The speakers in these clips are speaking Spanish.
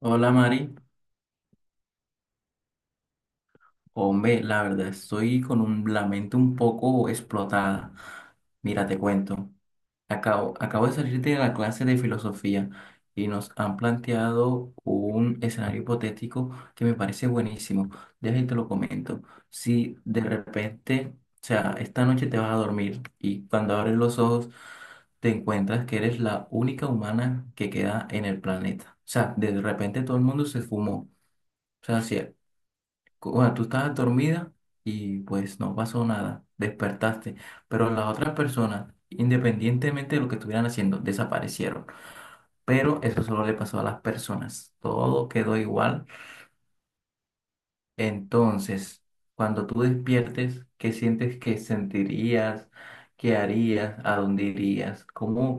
Hola Mari, hombre, la verdad estoy con la mente un poco explotada. Mira, te cuento. Acabo de salir de la clase de filosofía y nos han planteado un escenario hipotético que me parece buenísimo. Déjame te lo comento. Si de repente, o sea, esta noche te vas a dormir y cuando abres los ojos te encuentras que eres la única humana que queda en el planeta. O sea, de repente todo el mundo se fumó. O sea, si bueno, tú estabas dormida y pues no pasó nada, despertaste, pero las otras personas, independientemente de lo que estuvieran haciendo, desaparecieron. Pero eso solo le pasó a las personas, todo quedó igual. Entonces, cuando tú despiertes, ¿qué sientes que sentirías? ¿Qué harías? ¿A dónde irías? ¿Cómo,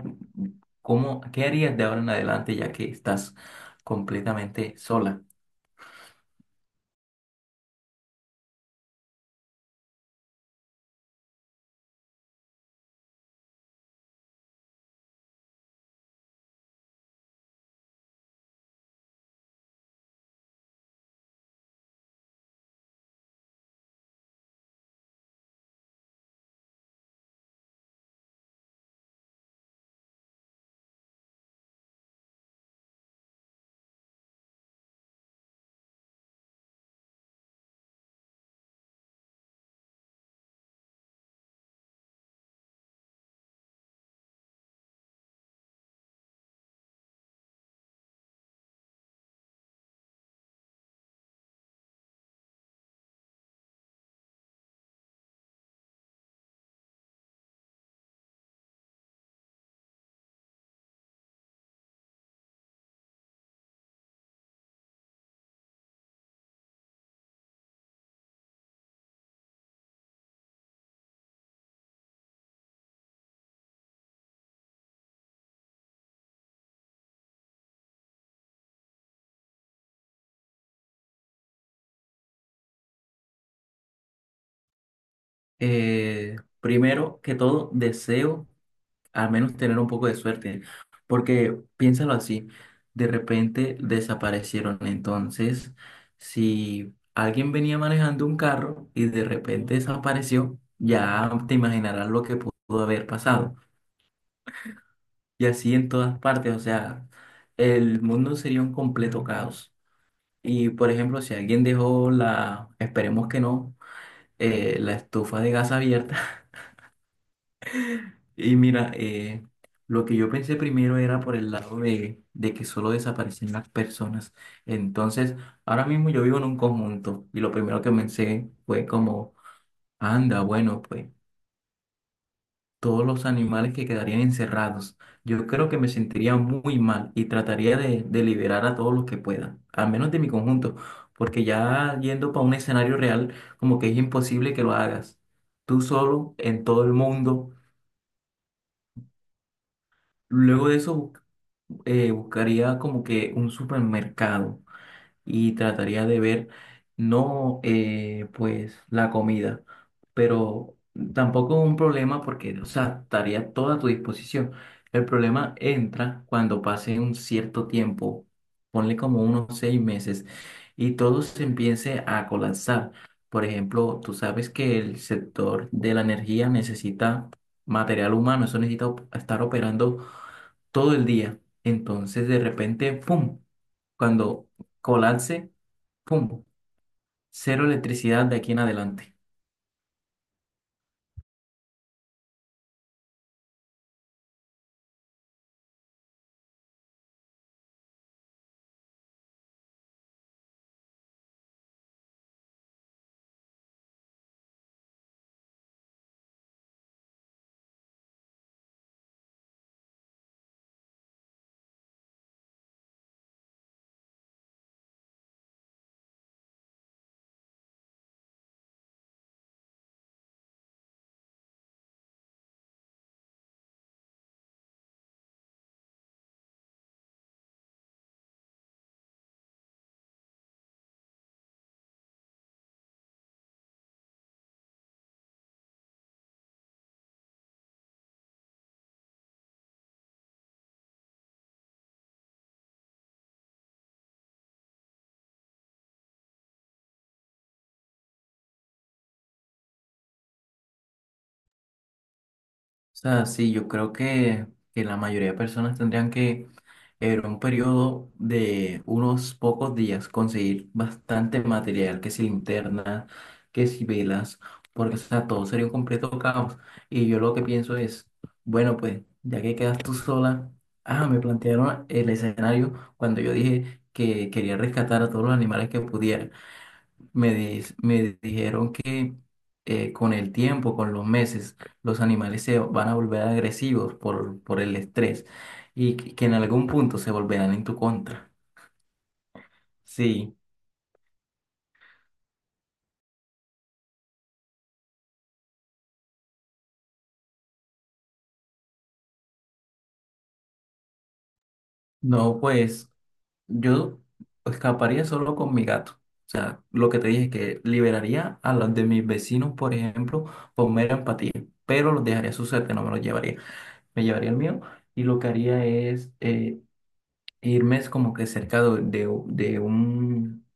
cómo, qué harías de ahora en adelante ya que estás completamente sola? Primero que todo, deseo al menos tener un poco de suerte, porque piénsalo así, de repente desaparecieron, entonces si alguien venía manejando un carro y de repente desapareció, ya te imaginarás lo que pudo haber pasado. Y así en todas partes, o sea, el mundo sería un completo caos. Y por ejemplo, si alguien dejó la, esperemos que no, la estufa de gas abierta. Y mira, lo que yo pensé primero era por el lado de que solo desaparecen las personas. Entonces, ahora mismo yo vivo en un conjunto y lo primero que pensé fue como, anda, bueno, pues todos los animales que quedarían encerrados. Yo creo que me sentiría muy mal y trataría de liberar a todos los que pueda, al menos de mi conjunto, porque ya yendo para un escenario real, como que es imposible que lo hagas tú solo en todo el mundo. Luego de eso buscaría como que un supermercado y trataría de ver no pues la comida, pero tampoco un problema porque, o sea, estaría toda a tu disposición. El problema entra cuando pase un cierto tiempo, ponle como unos 6 meses, y todo se empiece a colapsar. Por ejemplo, tú sabes que el sector de la energía necesita material humano, eso necesita op- estar operando todo el día. Entonces, de repente, ¡pum! Cuando colapse, ¡pum! Cero electricidad de aquí en adelante. O sea, sí, yo creo que la mayoría de personas tendrían que en un periodo de unos pocos días conseguir bastante material, que si linternas, que si velas, porque o sea, todo sería un completo caos. Y yo lo que pienso es, bueno, pues ya que quedas tú sola, ah, me plantearon el escenario cuando yo dije que quería rescatar a todos los animales que pudiera me dijeron que con el tiempo, con los meses, los animales se van a volver agresivos por el estrés y que en algún punto se volverán en tu contra. Sí, no, pues yo escaparía solo con mi gato. O sea, lo que te dije, que liberaría a los de mis vecinos, por ejemplo, por mera empatía, pero los dejaría a su suerte, no me los llevaría. Me llevaría el mío y lo que haría es irme es como que cerca de de- de un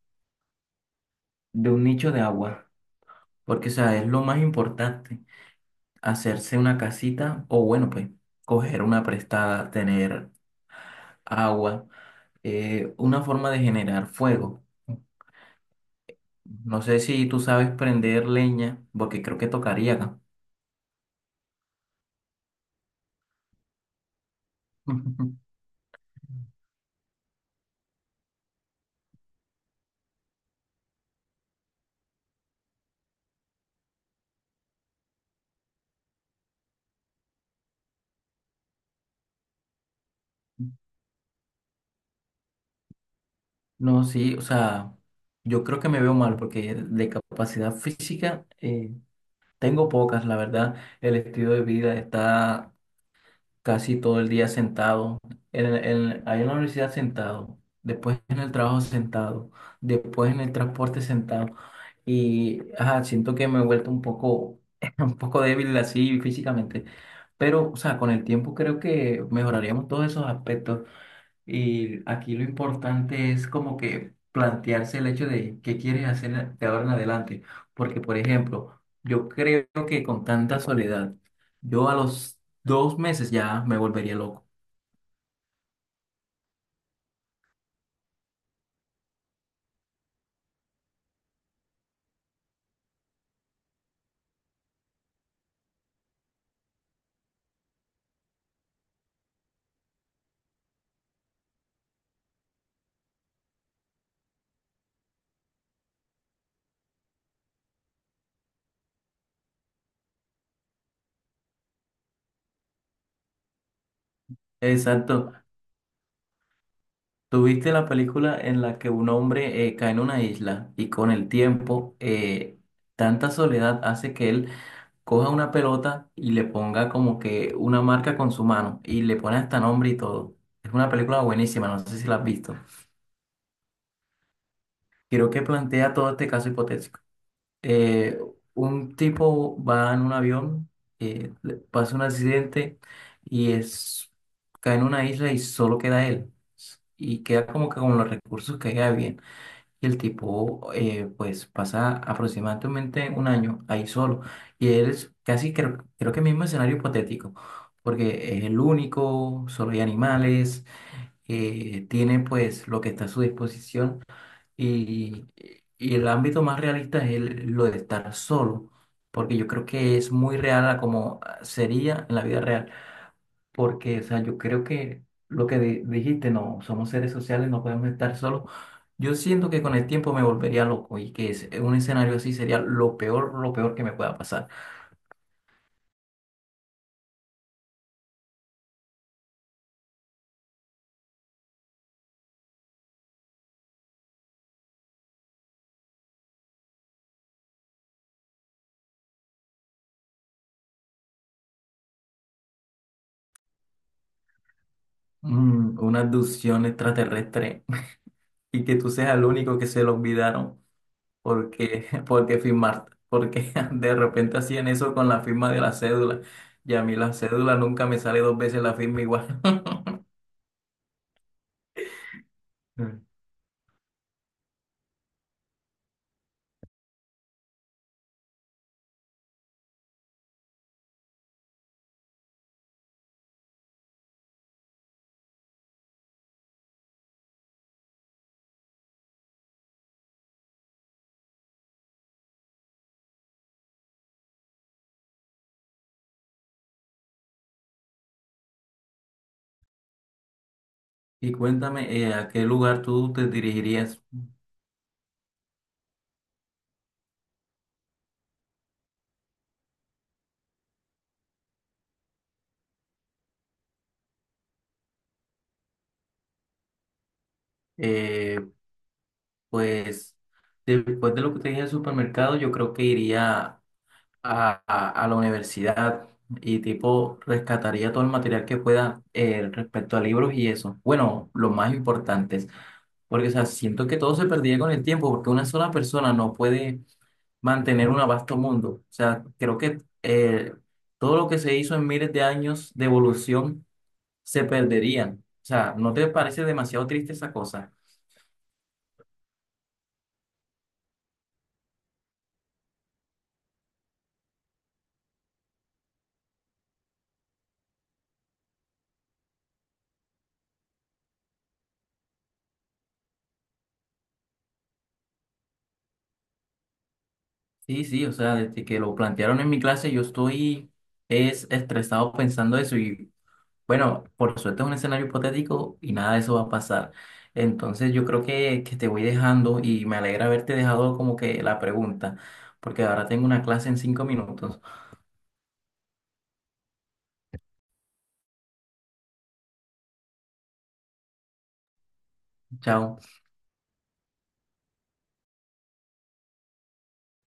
de un nicho de agua, porque, o sea, es lo más importante, hacerse una casita o, bueno, pues, coger una prestada, tener agua, una forma de generar fuego. No sé si tú sabes prender leña, porque creo que tocaría acá. No, sí, o sea, yo creo que me veo mal porque de capacidad física tengo pocas, la verdad. El estilo de vida está casi todo el día sentado, ahí en la universidad sentado, después en el trabajo sentado, después en el transporte sentado. Y ajá, siento que me he vuelto un poco, un poco débil así físicamente, pero o sea, con el tiempo creo que mejoraríamos todos esos aspectos. Y aquí lo importante es como que plantearse el hecho de qué quieres hacer de ahora en adelante. Porque, por ejemplo, yo creo que con tanta soledad, yo a los 2 meses ya me volvería loco. Exacto. Tuviste la película en la que un hombre cae en una isla y con el tiempo tanta soledad hace que él coja una pelota y le ponga como que una marca con su mano y le pone hasta nombre y todo. Es una película buenísima, no sé si la has visto. Quiero que plantea todo este caso hipotético. Eh, un tipo va en un avión, le pasa un accidente y cae en una isla y solo queda él. Y queda como que con los recursos que queda bien. Y el tipo, pues, pasa aproximadamente 1 año ahí solo. Y él es casi, creo que mismo escenario hipotético, porque es el único, solo hay animales, tiene pues lo que está a su disposición. Y, y el ámbito más realista es lo de estar solo, porque yo creo que es muy real a como sería en la vida real, porque, o sea, yo creo que lo que dijiste, no, somos seres sociales, no podemos estar solos. Yo siento que con el tiempo me volvería loco y que un escenario así sería lo peor que me pueda pasar. Una abducción extraterrestre y que tú seas el único que se lo olvidaron. Porque, porque firmar, porque de repente hacían eso con la firma de la cédula y a mí la cédula nunca me sale dos veces la firma igual. Mm. Y cuéntame, ¿a qué lugar tú te dirigirías? Eh, pues después de lo que te dije del supermercado, yo creo que iría a la universidad y tipo rescataría todo el material que pueda respecto a libros y eso. Bueno, los más importantes, porque o sea, siento que todo se perdía con el tiempo, porque una sola persona no puede mantener un vasto mundo. O sea, creo que todo lo que se hizo en miles de años de evolución se perderían. O sea, ¿no te parece demasiado triste esa cosa? Sí, sí, o sea, desde que lo plantearon en mi clase, yo estoy es estresado pensando eso y bueno, por suerte es un escenario hipotético y nada de eso va a pasar. Entonces yo creo que te voy dejando y me alegra haberte dejado como que la pregunta, porque ahora tengo una clase en 5 minutos. Chao.